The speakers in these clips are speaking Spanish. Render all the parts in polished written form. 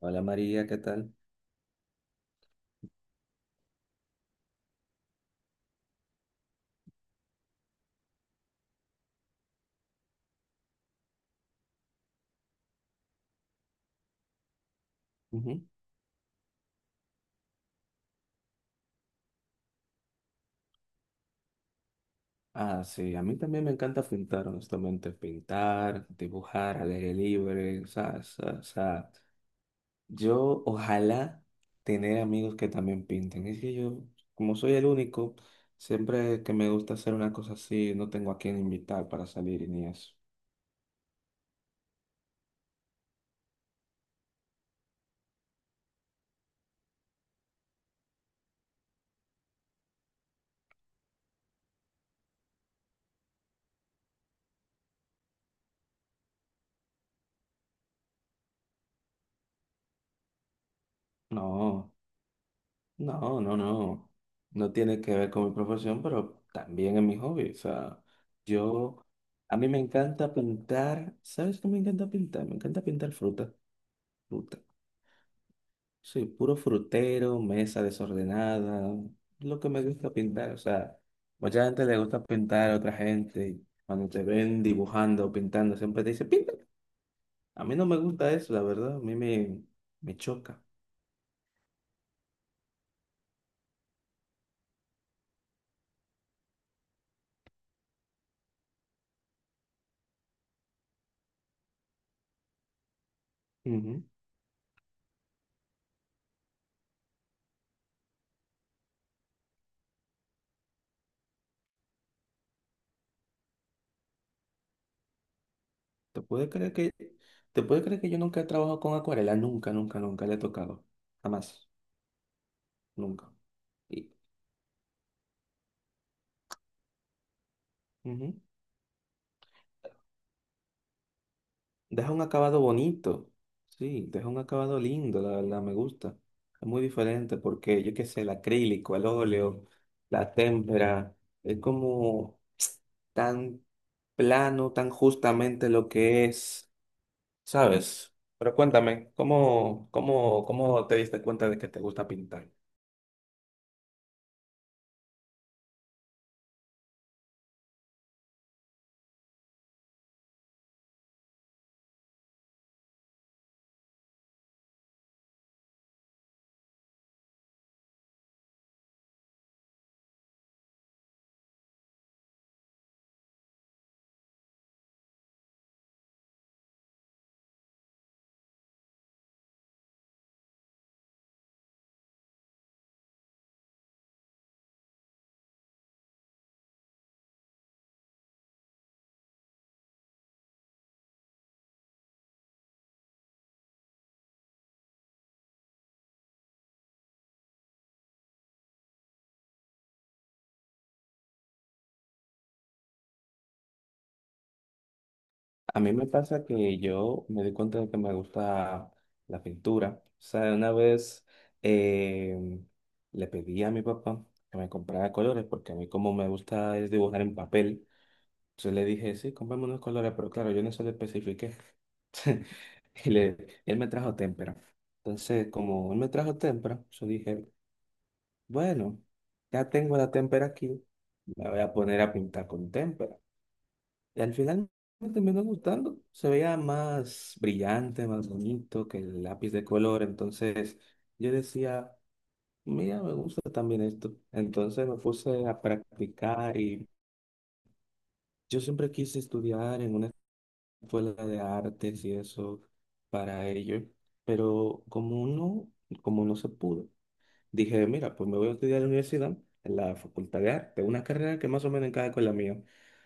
Hola María, ¿qué tal? Ujú. Ah, sí, a mí también me encanta pintar, honestamente, pintar, dibujar al aire libre, o sea, o yo ojalá tener amigos que también pinten. Es que yo, como soy el único, siempre que me gusta hacer una cosa así, no tengo a quién invitar para salir y ni eso. No. No, no, no. No tiene que ver con mi profesión, pero también es mi hobby. O sea, yo, a mí me encanta pintar. ¿Sabes qué me encanta pintar? Me encanta pintar fruta, fruta. Soy puro frutero, mesa desordenada, lo que me gusta pintar. O sea, mucha gente le gusta pintar a otra gente. Cuando te ven dibujando o pintando, siempre te dice, pinta. A mí no me gusta eso, la verdad. Me choca. Ujú. ¿Te puedes creer que, ¿Te puedes creer que yo nunca he trabajado con acuarela? Nunca, nunca, nunca le he tocado. Jamás, nunca. Y, ujú. Deja un acabado bonito. Sí, deja un acabado lindo, la verdad, me gusta. Es muy diferente porque, yo qué sé, el acrílico, el óleo, la témpera, es como tan plano, tan justamente lo que es, ¿sabes? Pero cuéntame, ¿cómo te diste cuenta de que te gusta pintar? A mí me pasa que yo me di cuenta de que me gusta la pintura. O sea, una vez eh, le pedí a mi papá que me comprara colores, porque a mí como me gusta es dibujar en papel. Entonces le dije, sí, comprame unos colores, pero claro, yo no eso lo especifiqué. Y le, él me trajo témpera. Entonces, como él me trajo témpera, yo dije, bueno, ya tengo la témpera aquí, me voy a poner a pintar con témpera. Y al final me terminó gustando. Se veía más brillante, más bonito que el lápiz de color. Entonces yo decía, mira, me gusta también esto. Entonces me puse a practicar y yo siempre quise estudiar en una escuela de artes y eso para ello. Pero como no se pudo dije, mira, pues me voy a estudiar a la universidad, en la Facultad de Arte, una carrera que más o menos encaja con la mía.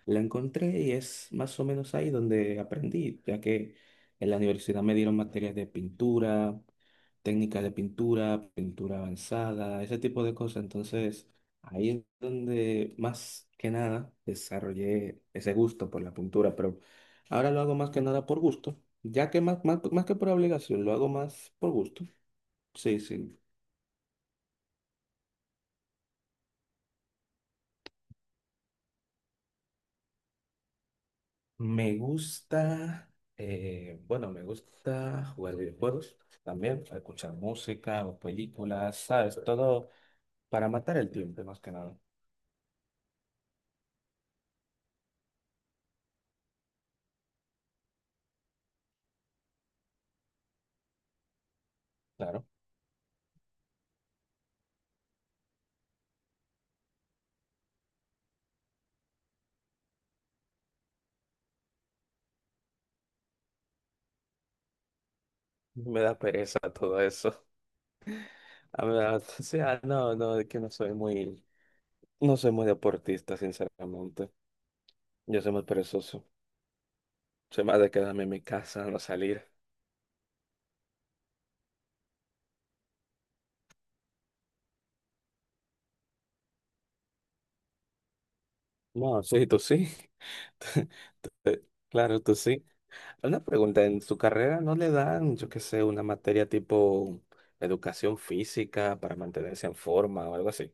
La encontré y es más o menos ahí donde aprendí, ya que en la universidad me dieron materias de pintura, técnicas de pintura, pintura avanzada, ese tipo de cosas. Entonces, ahí es donde más que nada desarrollé ese gusto por la pintura, pero ahora lo hago más que nada por gusto, ya que más que por obligación, lo hago más por gusto. Sí, sí. Me gusta, bueno, me gusta jugar videojuegos también, escuchar música o películas, ¿sabes? Todo para matar el tiempo, más que nada, claro. Me da pereza todo eso. A mí me da- o sea, es que no soy muy, no soy muy deportista, sinceramente. Yo soy muy perezoso. Soy más de quedarme en mi casa, no salir. No, sí, tú sí. Claro, tú sí. Una pregunta, ¿en su carrera no le dan, yo qué sé, una materia tipo educación física para mantenerse en forma o algo así?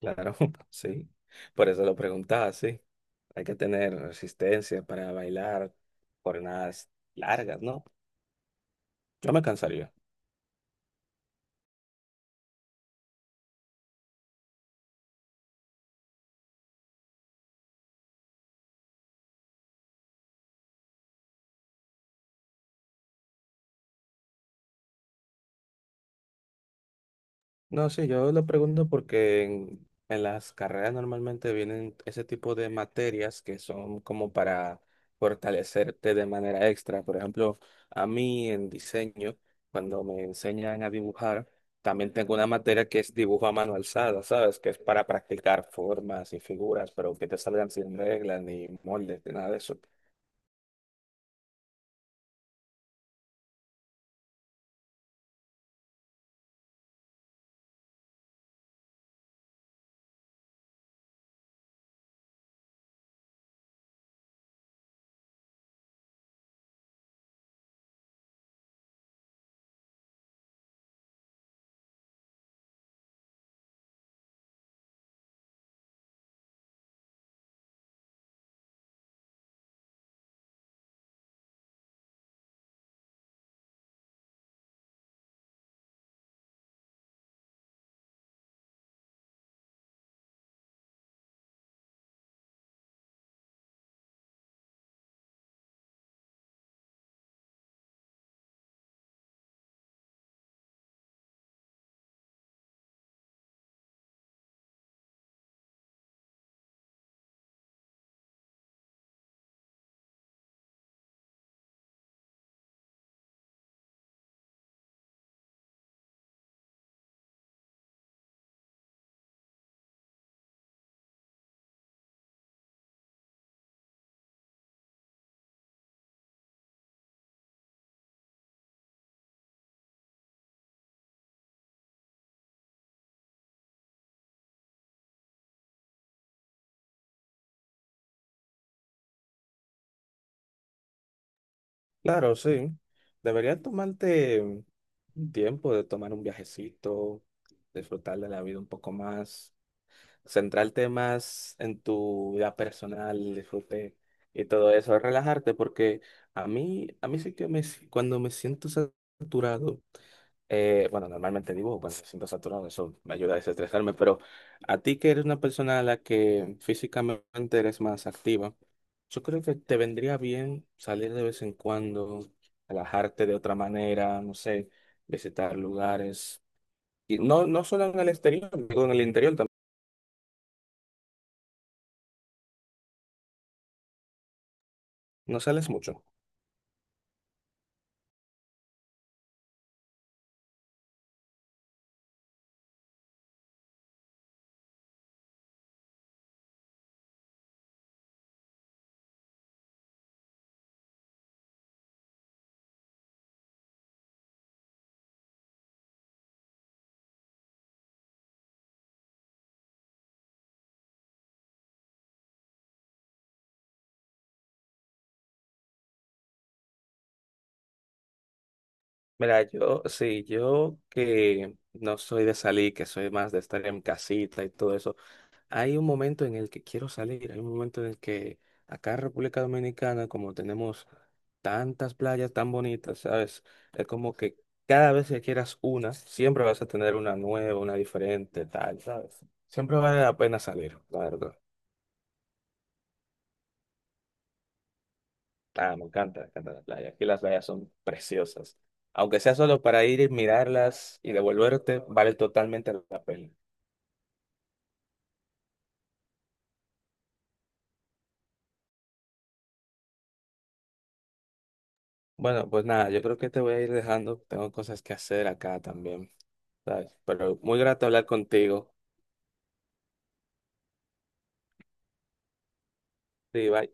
Claro, sí. Por eso lo preguntaba, sí. Hay que tener resistencia para bailar jornadas largas, ¿no? Yo me cansaría. No, sí, yo lo pregunto porque en las carreras normalmente vienen ese tipo de materias que son como para fortalecerte de manera extra. Por ejemplo, a mí en diseño, cuando me enseñan a dibujar, también tengo una materia que es dibujo a mano alzada, ¿sabes? Que es para practicar formas y figuras, pero que te salgan sin reglas, ni moldes, ni nada de eso. Claro, sí. Deberías tomarte un tiempo de tomar un viajecito, disfrutar de la vida un poco más centrarte más en tu vida personal, el disfrute y todo eso, relajarte, porque a mí sí que me, si- cuando me siento saturado, bueno, normalmente digo, cuando me siento saturado, eso me ayuda a desestresarme, pero a ti que eres una persona a la que físicamente eres más activa, yo creo que te vendría bien salir de vez en cuando, relajarte de otra manera, no sé, visitar lugares, y no, no solo en el exterior, digo, en el interior también, no sales mucho. Mira, yo, sí, yo que no soy de salir, que soy más de estar en casita y todo eso, hay un momento en el que quiero salir, hay un momento en el que acá en República Dominicana, como tenemos tantas playas tan bonitas, ¿sabes? Es como que cada vez que quieras una, siempre vas a tener una nueva, una diferente, tal, ¿sabes? Siempre vale la pena salir, la verdad. Ah, me encanta la playa. Aquí las playas son preciosas. Aunque sea solo para ir y mirarlas y devolverte, vale totalmente la pena. Bueno, pues nada, yo creo que te voy a ir dejando. Tengo cosas que hacer acá también, ¿sabes? Pero muy grato hablar contigo. Sí, bye.